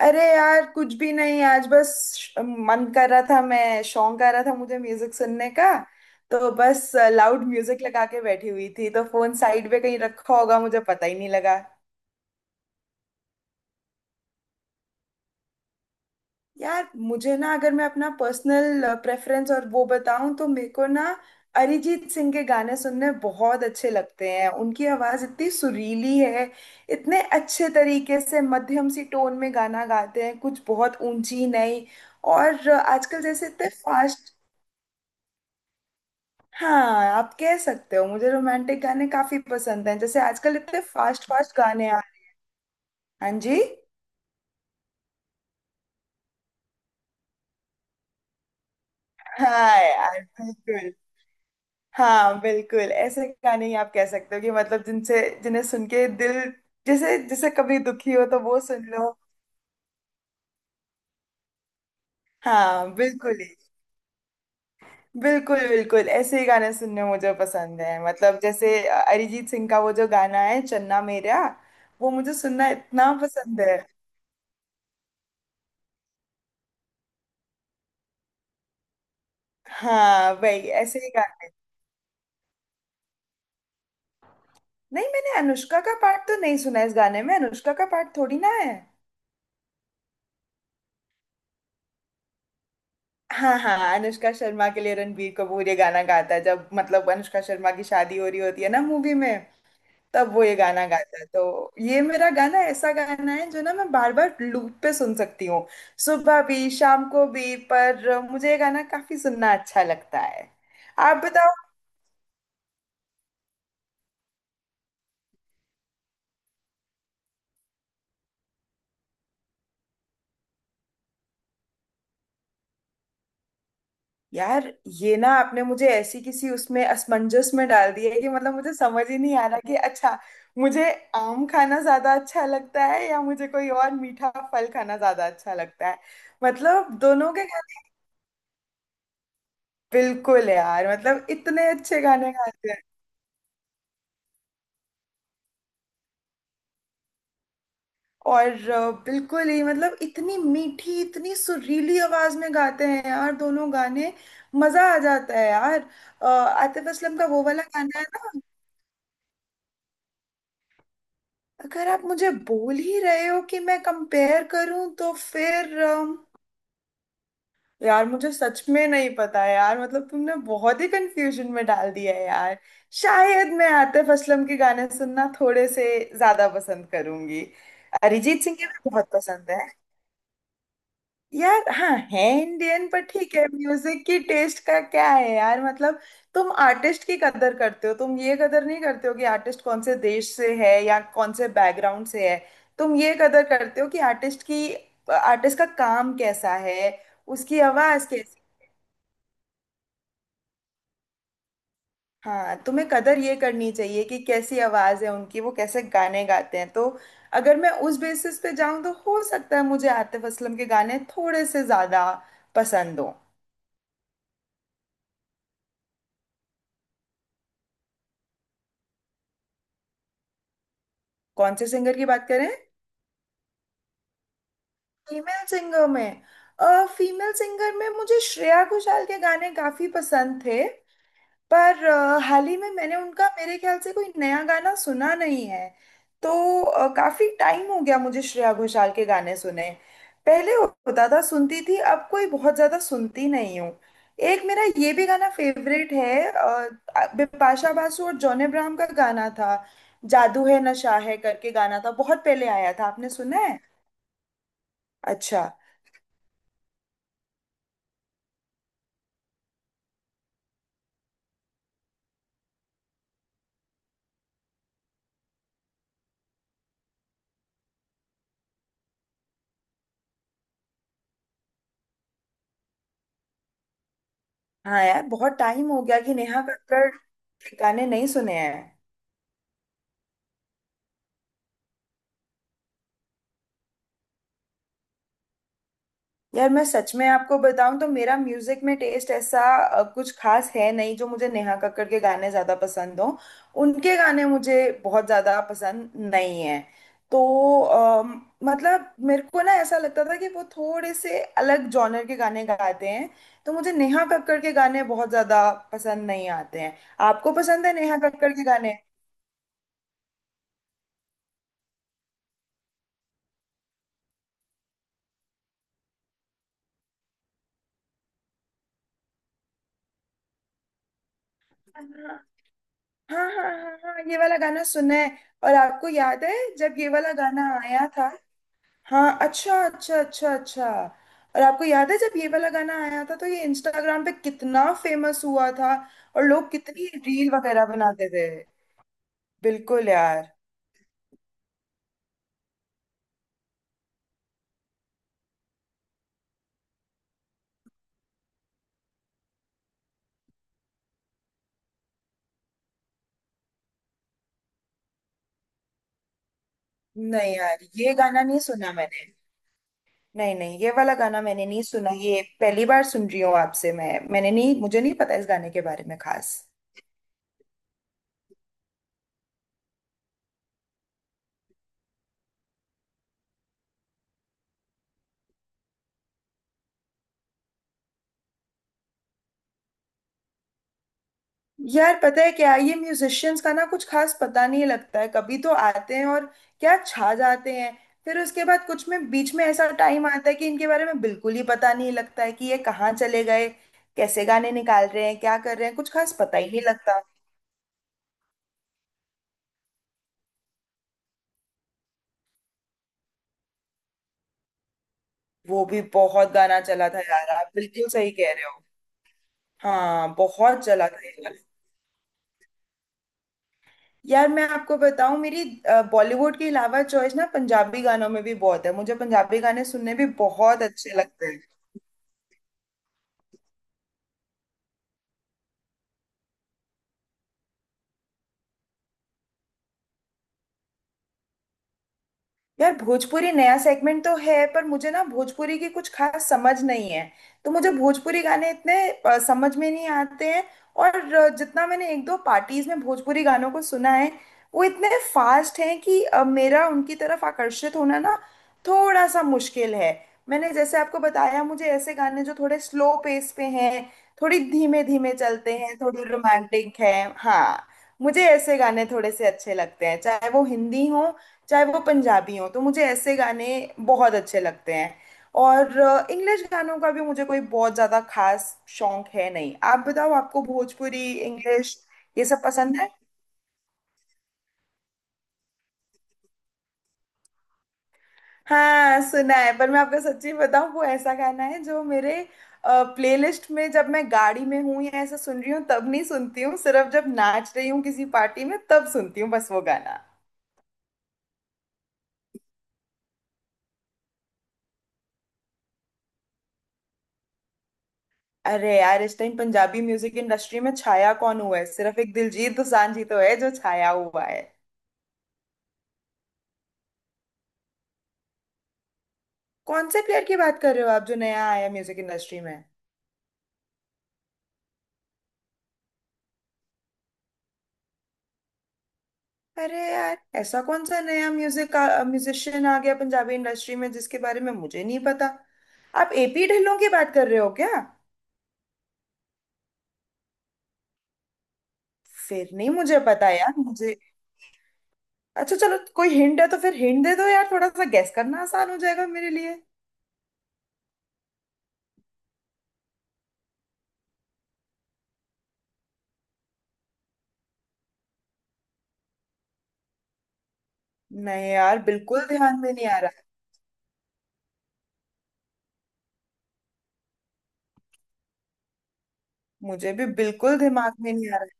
अरे यार कुछ भी नहीं आज बस। मन कर रहा था, मैं शौक आ रहा था मुझे म्यूजिक सुनने का। तो बस लाउड म्यूजिक लगा के बैठी हुई थी, तो फोन साइड पे कहीं रखा होगा, मुझे पता ही नहीं लगा। यार मुझे ना, अगर मैं अपना पर्सनल प्रेफरेंस और वो बताऊं तो मेरे को ना अरिजीत सिंह के गाने सुनने बहुत अच्छे लगते हैं। उनकी आवाज इतनी सुरीली है, इतने अच्छे तरीके से मध्यम सी टोन में गाना गाते हैं, कुछ बहुत ऊंची नहीं। और आजकल जैसे इतने फास्ट। हाँ, आप कह सकते हो मुझे रोमांटिक गाने काफी पसंद हैं। जैसे आजकल इतने फास्ट फास्ट गाने आ। हाँ जी। हाँ यार बिल्कुल। हाँ बिल्कुल ऐसे गाने ही आप कह सकते हो कि मतलब जिनसे जिन्हें सुन के दिल, जैसे जैसे कभी दुखी हो तो वो सुन लो। हाँ बिल्कुल ही। बिल्कुल बिल्कुल ऐसे ही गाने सुनने मुझे पसंद है। मतलब जैसे अरिजीत सिंह का वो जो गाना है चन्ना मेरा, वो मुझे सुनना इतना पसंद है। हाँ भाई ऐसे ही। नहीं, मैंने अनुष्का का पार्ट तो नहीं सुना, इस गाने में अनुष्का का पार्ट थोड़ी ना है। हाँ हाँ, अनुष्का शर्मा के लिए रणबीर कपूर ये गाना गाता है, जब मतलब अनुष्का शर्मा की शादी हो रही होती है ना मूवी में, तब वो ये गाना गाता है। तो ये मेरा गाना, ऐसा गाना है जो ना मैं बार बार लूप पे सुन सकती हूँ, सुबह भी शाम को भी। पर मुझे ये गाना काफी सुनना अच्छा लगता है। आप। यार ये ना आपने मुझे ऐसी किसी उसमें असमंजस में डाल दिया है कि मतलब मुझे समझ ही नहीं आ रहा कि अच्छा मुझे आम खाना ज्यादा अच्छा लगता है या मुझे कोई और मीठा फल खाना ज्यादा अच्छा लगता है। मतलब दोनों के खाने। बिल्कुल यार, मतलब इतने अच्छे खाने खाते हैं। और बिल्कुल ही, मतलब इतनी मीठी इतनी सुरीली आवाज में गाते हैं यार दोनों गाने। मजा आ जाता है यार। आतिफ असलम का वो वाला गाना है ना। अगर आप मुझे बोल ही रहे हो कि मैं कंपेयर करूं, तो फिर यार मुझे सच में नहीं पता यार, मतलब तुमने बहुत ही कंफ्यूजन में डाल दिया है यार। शायद मैं आतिफ असलम के गाने सुनना थोड़े से ज्यादा पसंद करूंगी। अरिजीत सिंह के भी बहुत पसंद है। यार हाँ है इंडियन, पर ठीक है म्यूजिक की टेस्ट का क्या है यार। मतलब तुम आर्टिस्ट की कदर करते हो, तुम ये कदर नहीं करते हो कि आर्टिस्ट कौन से देश से है या कौन से बैकग्राउंड से है। तुम ये कदर करते हो कि आर्टिस्ट की, आर्टिस्ट का काम कैसा है, उसकी आवाज कैसी। हाँ, तुम्हें कदर ये करनी चाहिए कि कैसी आवाज है उनकी, वो कैसे गाने गाते हैं। तो अगर मैं उस बेसिस पे जाऊं तो हो सकता है मुझे आतिफ असलम के गाने थोड़े से ज्यादा पसंद हो। कौन से सिंगर की बात करें? फीमेल सिंगर में, फीमेल सिंगर में मुझे श्रेया घोषाल के गाने काफी पसंद थे। पर हाल ही में मैंने उनका मेरे ख्याल से कोई नया गाना सुना नहीं है। तो काफी टाइम हो गया मुझे श्रेया घोषाल के गाने सुने। पहले होता था, सुनती थी, अब कोई बहुत ज्यादा सुनती नहीं हूँ। एक मेरा ये भी गाना फेवरेट है, बिपाशा बासु और जॉन अब्राहम का गाना था, जादू है नशा है करके गाना था, बहुत पहले आया था, आपने सुना है? अच्छा। हाँ यार बहुत टाइम हो गया कि नेहा कक्कड़ के गाने नहीं सुने हैं। यार मैं सच में आपको बताऊं तो मेरा म्यूजिक में टेस्ट ऐसा कुछ खास है नहीं जो मुझे नेहा कक्कड़ के गाने ज्यादा पसंद हो। उनके गाने मुझे बहुत ज्यादा पसंद नहीं है। तो मतलब मेरे को ना ऐसा लगता था कि वो थोड़े से अलग जॉनर के गाने गाते हैं, तो मुझे नेहा कक्कड़ के गाने बहुत ज्यादा पसंद नहीं आते हैं। आपको पसंद है नेहा कक्कड़ के गाने? हाँ हाँ हाँ हाँ, ये वाला गाना सुना है। और आपको याद है जब ये वाला गाना आया था? हाँ, अच्छा अच्छा अच्छा अच्छा। और आपको याद है जब ये वाला गाना आया था तो ये इंस्टाग्राम पे कितना फेमस हुआ था। और लोग कितनी रील वगैरह बनाते थे। बिल्कुल यार। नहीं यार, ये गाना नहीं सुना मैंने। नहीं नहीं, ये वाला गाना मैंने नहीं सुना, ये पहली बार सुन रही हूँ आपसे। मैंने नहीं, मुझे नहीं पता इस गाने के बारे में खास। यार पता है क्या, ये म्यूजिशियंस का ना कुछ खास पता नहीं लगता है। कभी तो आते हैं और क्या छा जाते हैं, फिर उसके बाद कुछ में बीच में ऐसा टाइम आता है कि इनके बारे में बिल्कुल ही पता नहीं लगता है कि ये कहाँ चले गए, कैसे गाने निकाल रहे हैं, क्या कर रहे हैं, कुछ खास पता ही नहीं लगता। वो भी बहुत गाना चला था यार, आप बिल्कुल सही कह रहे हो। हाँ बहुत चला था ये गाना। यार मैं आपको बताऊं, मेरी बॉलीवुड के अलावा चॉइस ना पंजाबी गानों में भी बहुत है, मुझे पंजाबी गाने सुनने भी बहुत अच्छे लगते हैं। यार भोजपुरी नया सेगमेंट तो है, पर मुझे ना भोजपुरी की कुछ खास समझ नहीं है, तो मुझे भोजपुरी गाने इतने समझ में नहीं आते हैं। और जितना मैंने एक दो पार्टीज में भोजपुरी गानों को सुना है, वो इतने फास्ट हैं कि मेरा उनकी तरफ आकर्षित होना ना थोड़ा सा मुश्किल है। मैंने जैसे आपको बताया, मुझे ऐसे गाने जो थोड़े स्लो पेस पे हैं, थोड़ी धीमे धीमे चलते हैं, थोड़ी रोमांटिक है। हाँ, मुझे ऐसे गाने थोड़े से अच्छे लगते हैं, चाहे वो हिंदी हो चाहे वो पंजाबी हो, तो मुझे ऐसे गाने बहुत अच्छे लगते हैं। और इंग्लिश गानों का भी मुझे कोई बहुत ज्यादा खास शौक है नहीं। आप बताओ, आपको भोजपुरी इंग्लिश ये सब पसंद है? हाँ सुना है, पर मैं आपको सच्ची बताऊं, वो ऐसा गाना है जो मेरे प्लेलिस्ट में जब मैं गाड़ी में हूँ या ऐसा सुन रही हूँ तब नहीं सुनती हूँ, सिर्फ जब नाच रही हूँ किसी पार्टी में तब सुनती हूँ बस वो गाना। अरे यार, इस टाइम पंजाबी म्यूजिक इंडस्ट्री में छाया कौन हुआ है, सिर्फ एक दिलजीत दोसांझ ही तो है जो छाया हुआ है। कौन से प्लेयर की बात कर रहे हो आप, जो नया आया म्यूजिक इंडस्ट्री में? अरे यार, ऐसा कौन सा नया म्यूजिक म्यूजिशियन आ गया पंजाबी इंडस्ट्री में जिसके बारे में मुझे नहीं पता? आप एपी ढिल्लों की बात कर रहे हो क्या? फिर नहीं मुझे पता यार, मुझे, अच्छा चलो कोई हिंट है तो फिर हिंट दे दो यार, थोड़ा सा गेस करना आसान हो जाएगा मेरे लिए। नहीं यार बिल्कुल ध्यान में नहीं आ रहा। मुझे भी बिल्कुल दिमाग में नहीं आ रहा।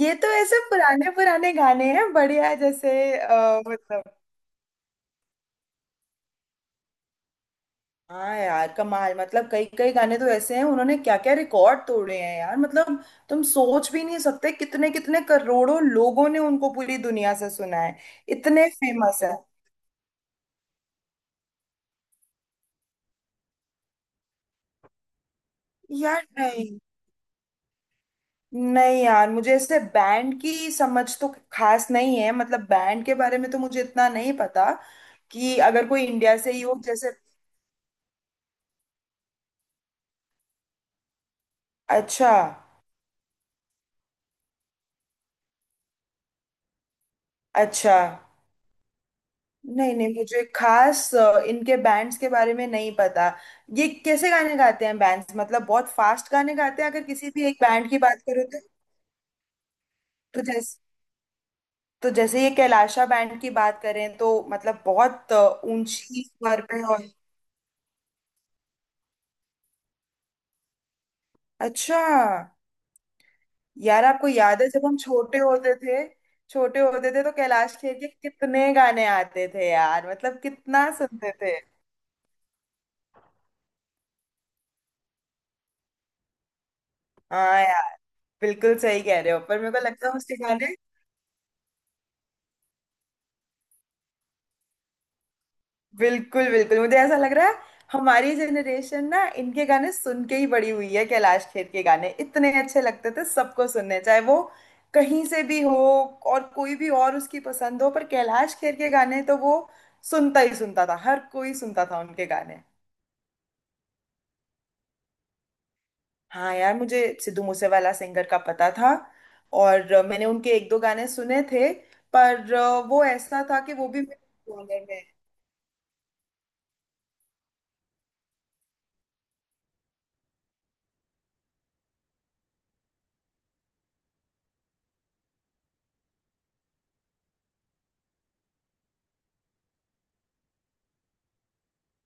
ये तो ऐसे पुराने पुराने गाने हैं बढ़िया, जैसे मतलब, हाँ यार कमाल, मतलब कई कई गाने तो ऐसे हैं उन्होंने, क्या क्या रिकॉर्ड तोड़े हैं यार। मतलब तुम सोच भी नहीं सकते कितने कितने करोड़ों लोगों ने उनको पूरी दुनिया से सुना है। इतने फेमस है यार। नहीं नहीं यार, मुझे ऐसे बैंड की समझ तो खास नहीं है, मतलब बैंड के बारे में तो मुझे इतना नहीं पता, कि अगर कोई इंडिया से ही हो जैसे। अच्छा अच्छा। नहीं नहीं, मुझे खास इनके बैंड्स के बारे में नहीं पता ये कैसे गाने गाते हैं। बैंड्स मतलब बहुत फास्ट गाने गाते हैं अगर किसी भी एक बैंड की बात करें तो। तो जैसे तो जैसे ये कैलाशा बैंड की बात करें तो मतलब बहुत ऊंची स्वर पे और अच्छा। यार आपको याद है जब हम छोटे होते थे, छोटे होते थे तो कैलाश खेर के कितने गाने आते थे यार, मतलब कितना सुनते थे। हाँ यार, बिल्कुल सही कह रहे हो, पर मेरे को लगता है उसके गाने, बिल्कुल बिल्कुल, मुझे ऐसा लग रहा है हमारी जनरेशन ना इनके गाने सुन के ही बड़ी हुई है। कैलाश खेर के गाने इतने अच्छे लगते थे सबको सुनने, चाहे वो कहीं से भी हो, और कोई भी और उसकी पसंद हो, पर कैलाश खेर के गाने तो वो सुनता ही सुनता था, हर कोई सुनता था उनके गाने। हाँ यार, मुझे सिद्धू मूसेवाला सिंगर का पता था, और मैंने उनके एक दो गाने सुने थे, पर वो ऐसा था कि वो भी मेरे genre में।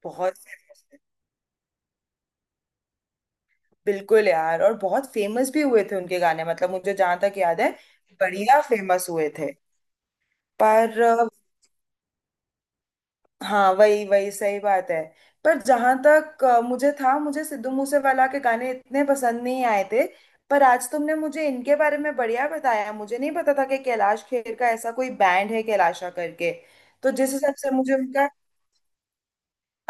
बहुत फेमस। बिल्कुल यार, और बहुत फेमस भी हुए थे उनके गाने, मतलब मुझे जहां तक याद है बढ़िया फेमस हुए थे। पर हाँ वही वही सही बात है। पर जहां तक मुझे था, मुझे सिद्धू मूसेवाला के गाने इतने पसंद नहीं आए थे। पर आज तुमने मुझे इनके बारे में बढ़िया बताया, मुझे नहीं पता था कि कैलाश खेर का ऐसा कोई बैंड है कैलाशा करके। तो जिस हिसाब से मुझे उनका,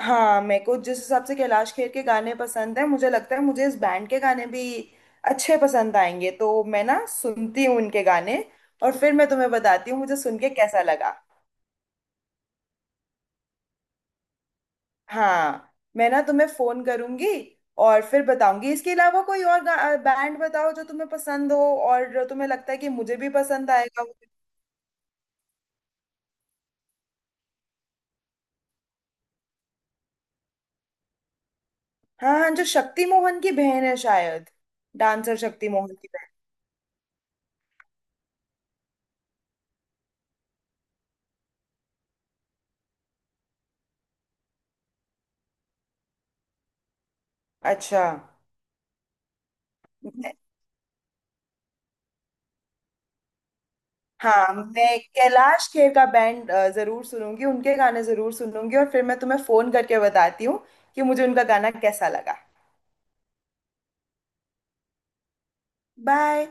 हाँ मेरे को जिस हिसाब से कैलाश खेर के गाने पसंद है, मुझे लगता है मुझे इस बैंड के गाने भी अच्छे पसंद आएंगे। तो मैं ना सुनती हूँ उनके गाने और फिर मैं तुम्हें बताती हूँ मुझे सुन के कैसा लगा। हाँ, मैं ना तुम्हें फोन करूंगी और फिर बताऊंगी। इसके अलावा कोई और बैंड बताओ जो तुम्हें पसंद हो और जो तुम्हें लगता है कि मुझे भी पसंद आएगा वो। हाँ हाँ, जो शक्ति मोहन की बहन है शायद, डांसर शक्ति मोहन की बहन। अच्छा। हाँ, मैं कैलाश खेर का बैंड जरूर सुनूंगी, उनके गाने जरूर सुनूंगी और फिर मैं तुम्हें फोन करके बताती हूँ कि मुझे उनका गाना कैसा लगा। बाय।